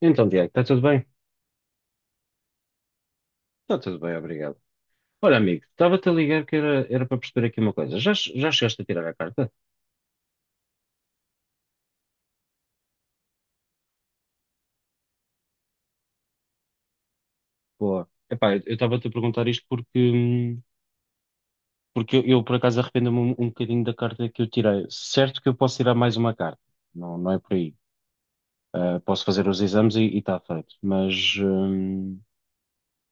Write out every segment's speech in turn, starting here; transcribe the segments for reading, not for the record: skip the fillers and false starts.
Então, Diego, está tudo bem? Está tudo bem, obrigado. Olha, amigo, estava-te a ligar que era para perceber aqui uma coisa. Já chegaste a tirar a carta? Boa. Epá, eu estava-te a perguntar isto porque eu, por acaso arrependo-me um bocadinho da carta que eu tirei. Certo que eu posso tirar mais uma carta, não, não é por aí. Ah, posso fazer os exames e está feito. Mas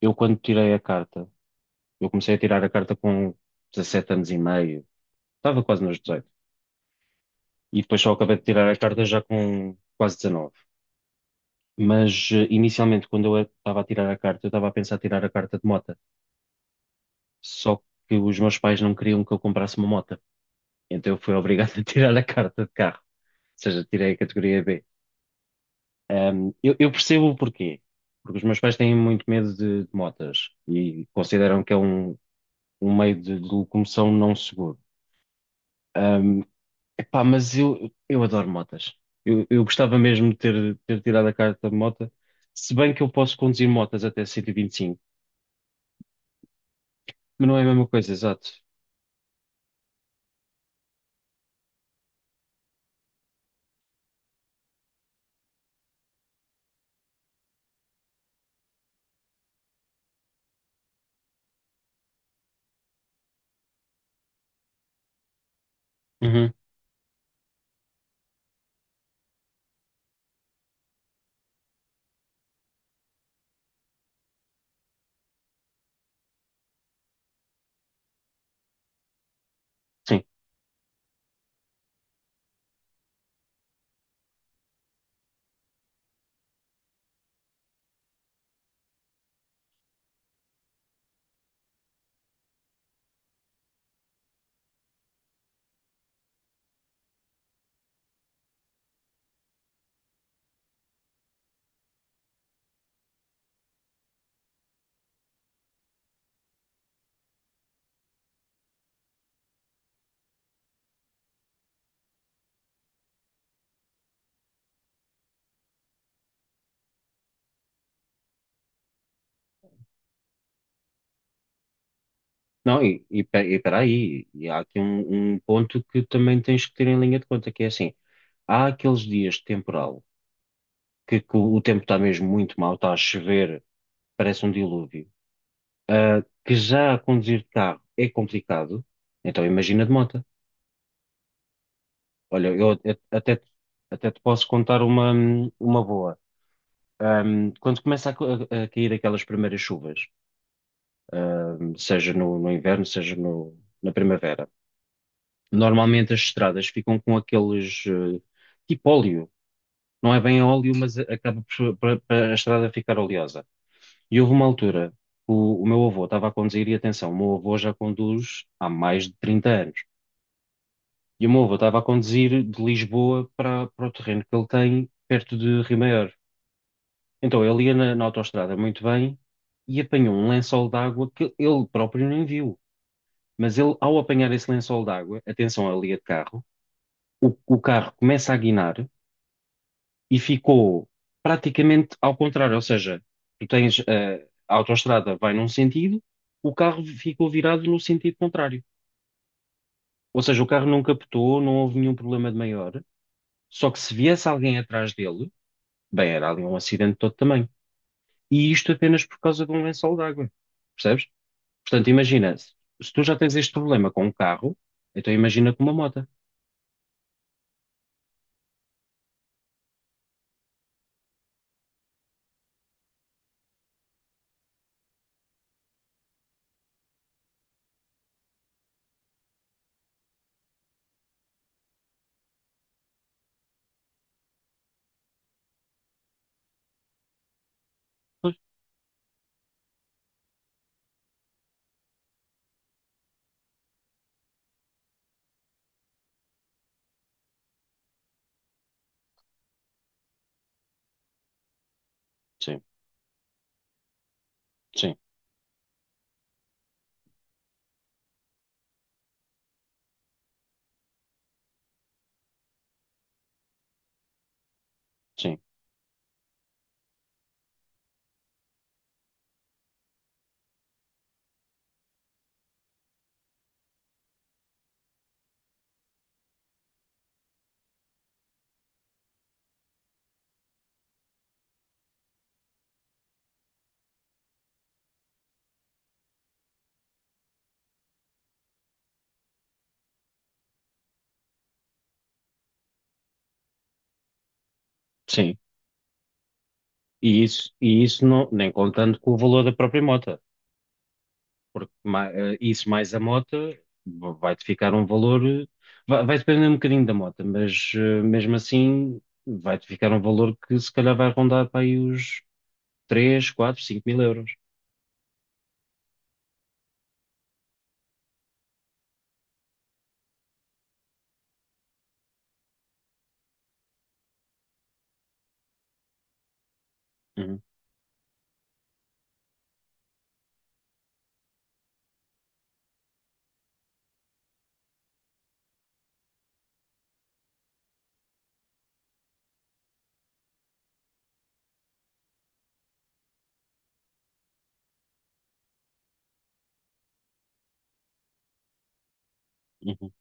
eu quando tirei a carta, eu comecei a tirar a carta com 17 anos e meio, estava quase nos 18. E depois só acabei de tirar a carta já com quase 19. Mas inicialmente, quando eu estava a tirar a carta, eu estava a pensar tirar a carta de mota. Só que os meus pais não queriam que eu comprasse uma mota. Então eu fui obrigado a tirar a carta de carro. Ou seja, tirei a categoria B. Eu percebo o porquê. Porque os meus pais têm muito medo de motas e consideram que é um meio de locomoção não seguro. Ahm, epá, mas eu adoro motas. Eu gostava mesmo de ter tirado a carta de mota. Se bem que eu posso conduzir motas até 125, mas não é a mesma coisa, exato. Uhum. Sim. Não, e peraí, e há aqui um ponto que também tens que ter em linha de conta, que é assim, há aqueles dias de temporal, que o tempo está mesmo muito mau, está a chover, parece um dilúvio, que já a conduzir de carro é complicado, então imagina de moto. Olha, eu a- até, te- até te posso contar uma boa. Quando começa a cair aquelas primeiras chuvas, seja no inverno, seja no, na primavera, normalmente as estradas ficam com aqueles tipo óleo. Não é bem óleo, mas acaba por a estrada ficar oleosa. E houve uma altura que o meu avô estava a conduzir, e atenção, o meu avô já conduz há mais de 30 anos. E o meu avô estava a conduzir de Lisboa para o terreno que ele tem perto de Rio Maior. Então ele ia na autoestrada muito bem e apanhou um lençol d'água que ele próprio nem viu. Mas ele, ao apanhar esse lençol d'água, atenção, ali é de carro, o carro começa a guinar e ficou praticamente ao contrário. Ou seja, tu tens a autoestrada vai num sentido, o carro ficou virado no sentido contrário. Ou seja, o carro não captou, não houve nenhum problema de maior, só que se viesse alguém atrás dele, bem, era ali um acidente de todo tamanho. E isto apenas por causa de um lençol de água, percebes? Portanto, imagina, se tu já tens este problema com um carro, então imagina com uma moto. Pois. Sim, sim, sim, sim. E isso não, nem contando com o valor da própria moto. Porque isso mais a moto vai-te ficar um valor, vai depender um bocadinho da moto, mas mesmo assim vai-te ficar um valor que se calhar vai rondar para aí os 3, 4, 5 mil euros. Uhum, uhum.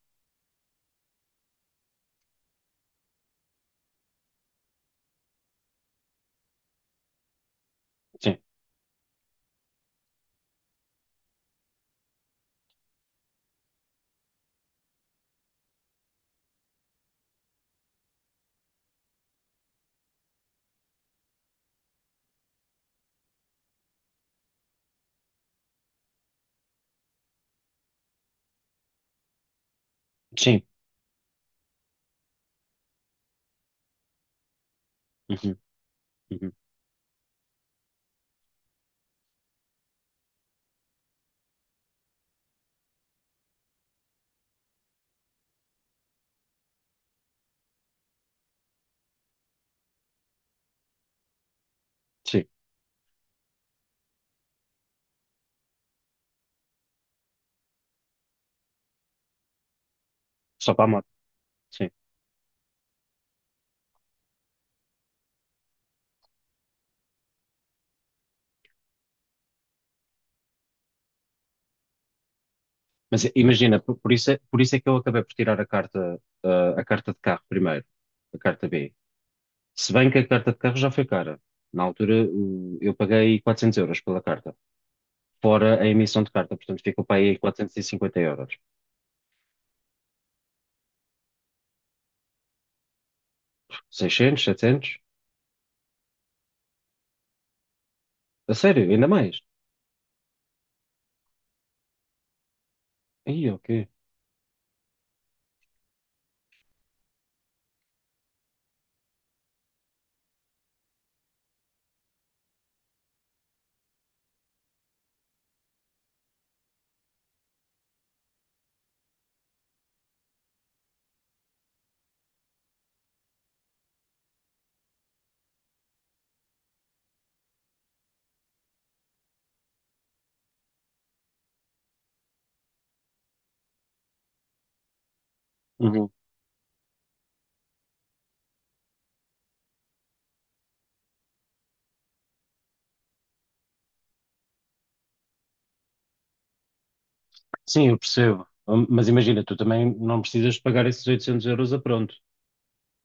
Sim, sim, uhum, uhum. Sim, só para a moto, sim. Mas imagina, por isso é que eu acabei por tirar a carta, a carta de carro primeiro, a carta B. Se bem que a carta de carro já foi cara. Na altura, eu paguei 400 € pela carta, fora a emissão de carta. Portanto, ficou para aí 450 euros. 600, 700? A sério, ainda mais? Aí, ok. Uhum. Sim, eu percebo. Mas imagina, tu também não precisas de pagar esses 800 € a pronto.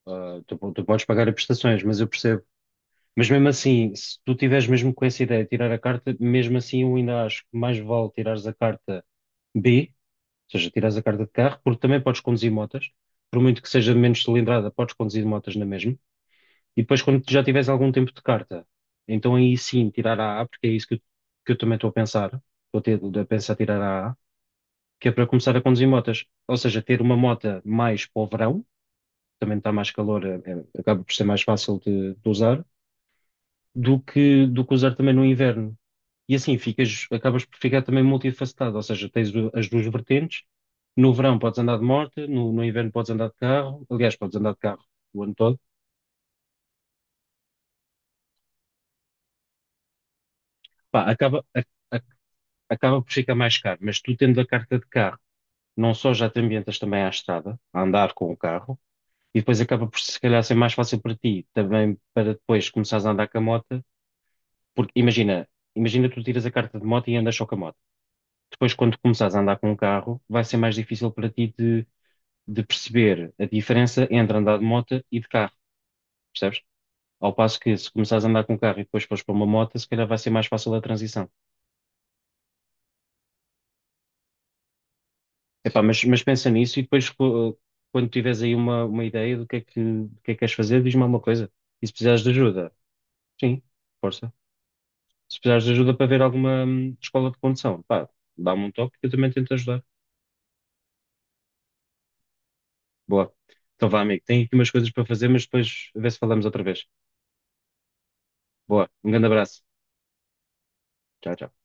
Ah, tu podes pagar as prestações, mas eu percebo. Mas mesmo assim, se tu tiveres mesmo com essa ideia de tirar a carta, mesmo assim eu ainda acho que mais vale tirares a carta B, ou seja, tirares a carta de carro, porque também podes conduzir motas. Por muito que seja menos cilindrada, podes conduzir motas na mesma. E depois, quando tu já tiveres algum tempo de carta, então aí sim tirar a A, porque é isso que eu também estou a pensar. Estou a pensar tirar a A, que é para começar a conduzir motas. Ou seja, ter uma mota mais para o verão, também está mais calor, acaba por ser mais fácil de usar, do que usar também no inverno. E assim ficas, acabas por ficar também multifacetado, ou seja, tens as duas vertentes. No verão podes andar de moto, no inverno podes andar de carro, aliás, podes andar de carro o ano todo. Pá, acaba por ficar mais caro, mas tu tendo a carta de carro, não só já te ambientas também à estrada, a andar com o carro, e depois acaba por se calhar ser mais fácil para ti, também para depois começares a andar com a moto, porque imagina, imagina tu tiras a carta de moto e andas só com a moto. Depois, quando começares a andar com o carro, vai ser mais difícil para ti de perceber a diferença entre andar de moto e de carro, percebes? Ao passo que se começares a andar com o carro e depois fores para uma moto, se calhar vai ser mais fácil a transição. Epá, mas pensa nisso e depois quando tiveres aí uma ideia do que é que queres fazer, diz-me alguma coisa. E se precisares de ajuda, sim, força. Se precisares de ajuda para ver alguma escola de condução, pá, dá-me um toque que eu também tento ajudar. Boa. Então vá, amigo, tenho aqui umas coisas para fazer, mas depois a ver se falamos outra vez. Boa, um grande abraço. Tchau, tchau.